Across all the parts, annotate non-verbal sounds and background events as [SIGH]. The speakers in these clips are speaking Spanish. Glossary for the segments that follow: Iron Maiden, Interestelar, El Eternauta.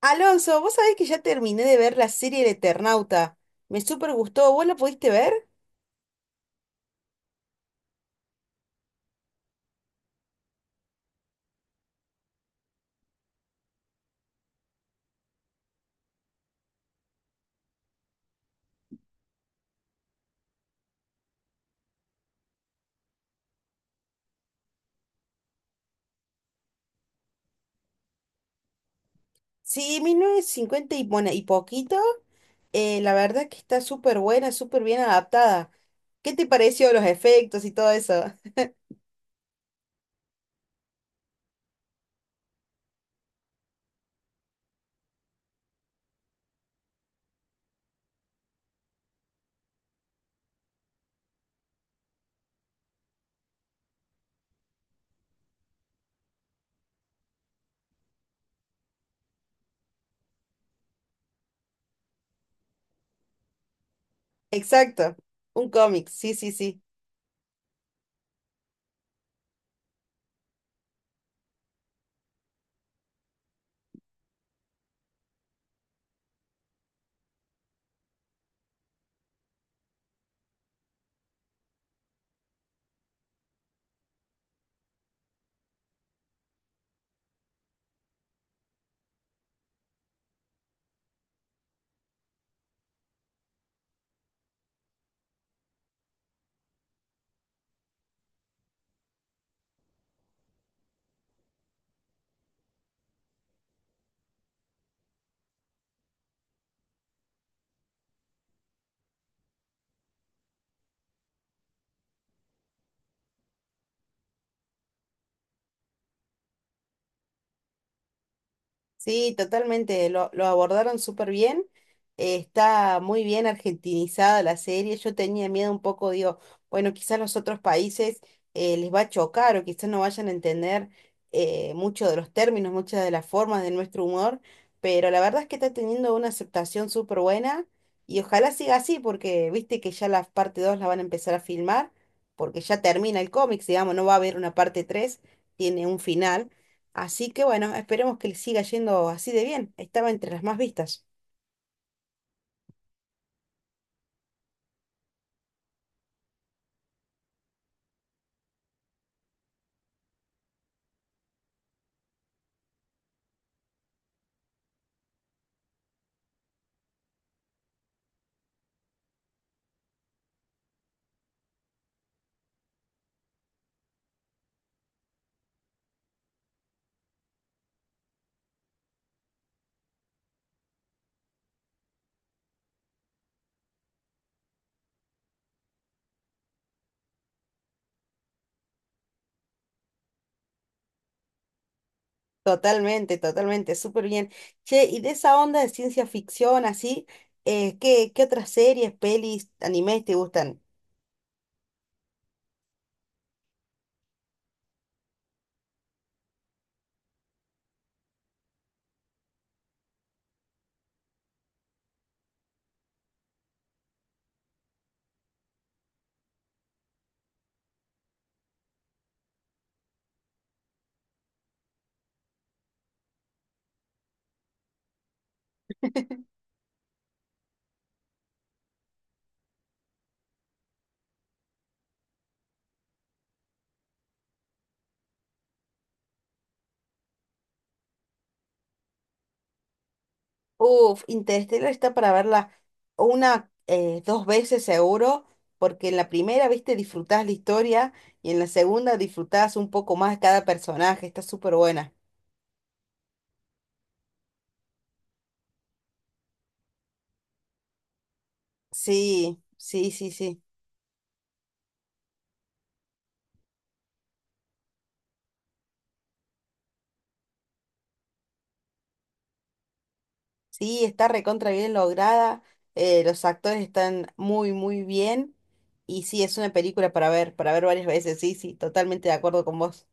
Alonso, vos sabés que ya terminé de ver la serie El Eternauta. Me súper gustó. ¿Vos la pudiste ver? Sí, 1950 y, bueno, y poquito. La verdad que está súper buena, súper bien adaptada. ¿Qué te pareció los efectos y todo eso? [LAUGHS] Exacto. Un cómic, sí, sí, sí. Sí, totalmente, lo abordaron súper bien. Está muy bien argentinizada la serie. Yo tenía miedo un poco, digo, bueno, quizás los otros países les va a chocar o quizás no vayan a entender mucho de los términos, muchas de las formas de nuestro humor, pero la verdad es que está teniendo una aceptación súper buena y ojalá siga así porque viste que ya la parte 2 la van a empezar a filmar porque ya termina el cómic, digamos, no va a haber una parte 3, tiene un final. Así que bueno, esperemos que le siga yendo así de bien. Estaba entre las más vistas. Totalmente, totalmente, súper bien. Che, y de esa onda de ciencia ficción así, ¿qué otras series, pelis, animes te gustan? Uf, Interestelar está para verla una, dos veces seguro, porque en la primera, viste, disfrutás la historia y en la segunda disfrutás un poco más cada personaje. Está súper buena. Sí, sí, sí, sí. Sí, está recontra bien lograda, los actores están muy, muy bien y sí, es una película para ver, varias veces, sí, sí, totalmente de acuerdo con vos.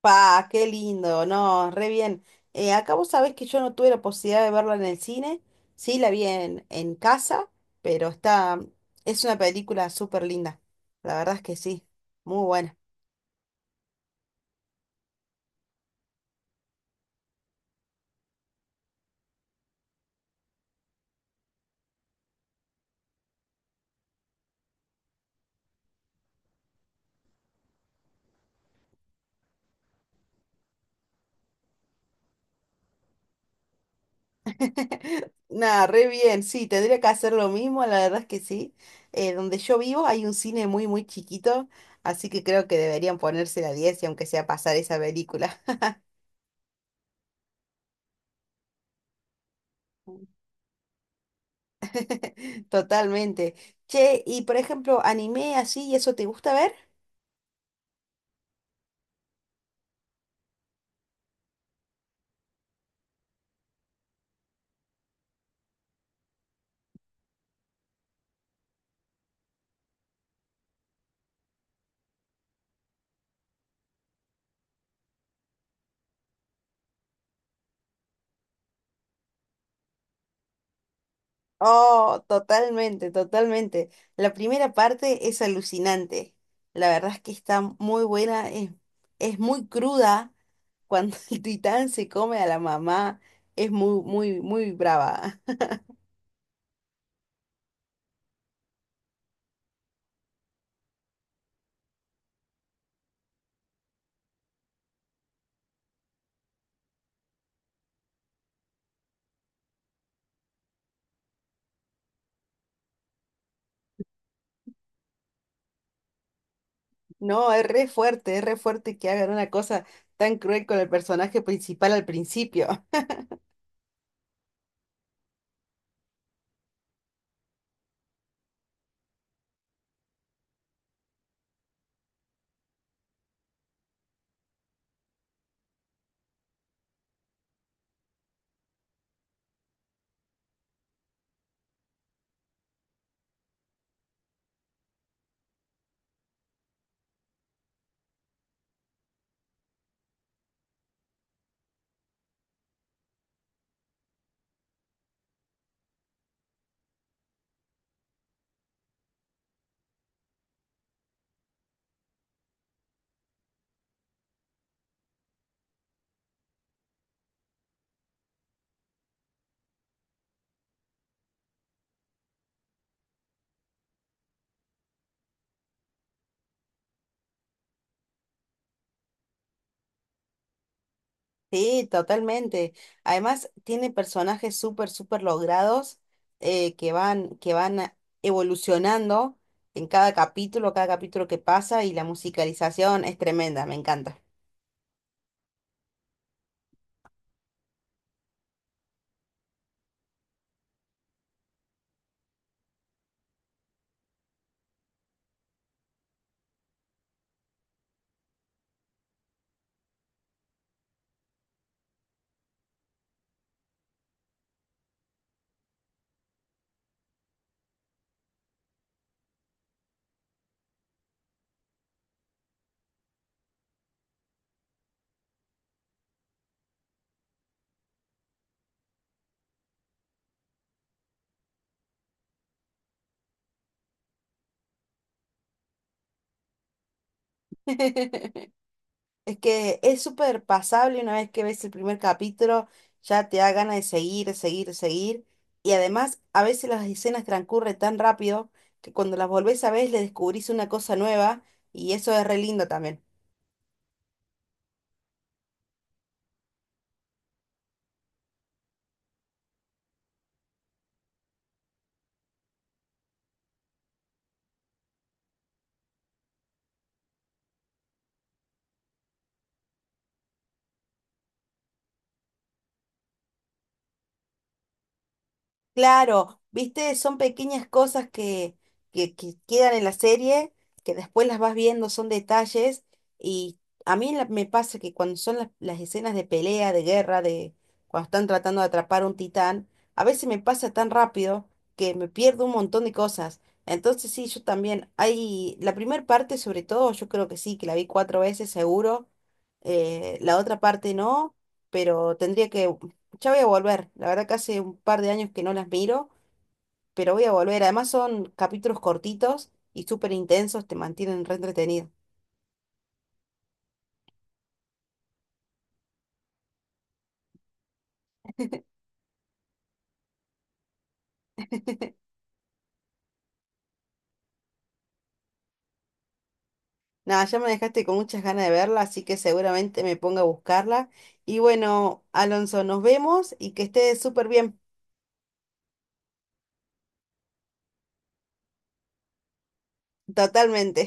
Pa, qué lindo, no, re bien. Acá vos sabés que yo no tuve la posibilidad de verla en el cine, sí, la vi en casa, pero está, es una película súper linda, la verdad es que sí, muy buena. [LAUGHS] Nada, re bien, sí, tendría que hacer lo mismo, la verdad es que sí. Donde yo vivo hay un cine muy, muy chiquito, así que creo que deberían ponerse la diez y aunque sea pasar esa película. [LAUGHS] Totalmente. Che, y por ejemplo, anime así, ¿y eso te gusta ver? Oh, totalmente, totalmente. La primera parte es alucinante. La verdad es que está muy buena, es muy cruda cuando [LAUGHS] el titán se come a la mamá, es muy, muy, muy brava. No, es re fuerte que hagan una cosa tan cruel con el personaje principal al principio. [LAUGHS] Sí, totalmente. Además, tiene personajes súper, súper logrados que van evolucionando en cada capítulo que pasa y la musicalización es tremenda, me encanta. [LAUGHS] Es que es súper pasable una vez que ves el primer capítulo, ya te da ganas de seguir, seguir, seguir. Y además, a veces las escenas transcurren tan rápido que cuando las volvés a ver le descubrís una cosa nueva y eso es re lindo también. Claro, viste, son pequeñas cosas que, que quedan en la serie, que después las vas viendo, son detalles, y a mí me pasa que cuando son las escenas de pelea, de guerra, de cuando están tratando de atrapar a un titán, a veces me pasa tan rápido que me pierdo un montón de cosas. Entonces sí, yo también, hay, la primera parte sobre todo, yo creo que sí, que la vi cuatro veces seguro, la otra parte no, pero tendría que ya voy a volver. La verdad que hace un par de años que no las miro, pero voy a volver. Además son capítulos cortitos y súper intensos, te mantienen re entretenido. Nada, ya me dejaste con muchas ganas de verla, así que seguramente me ponga a buscarla. Y bueno, Alonso, nos vemos y que estés súper bien. Totalmente.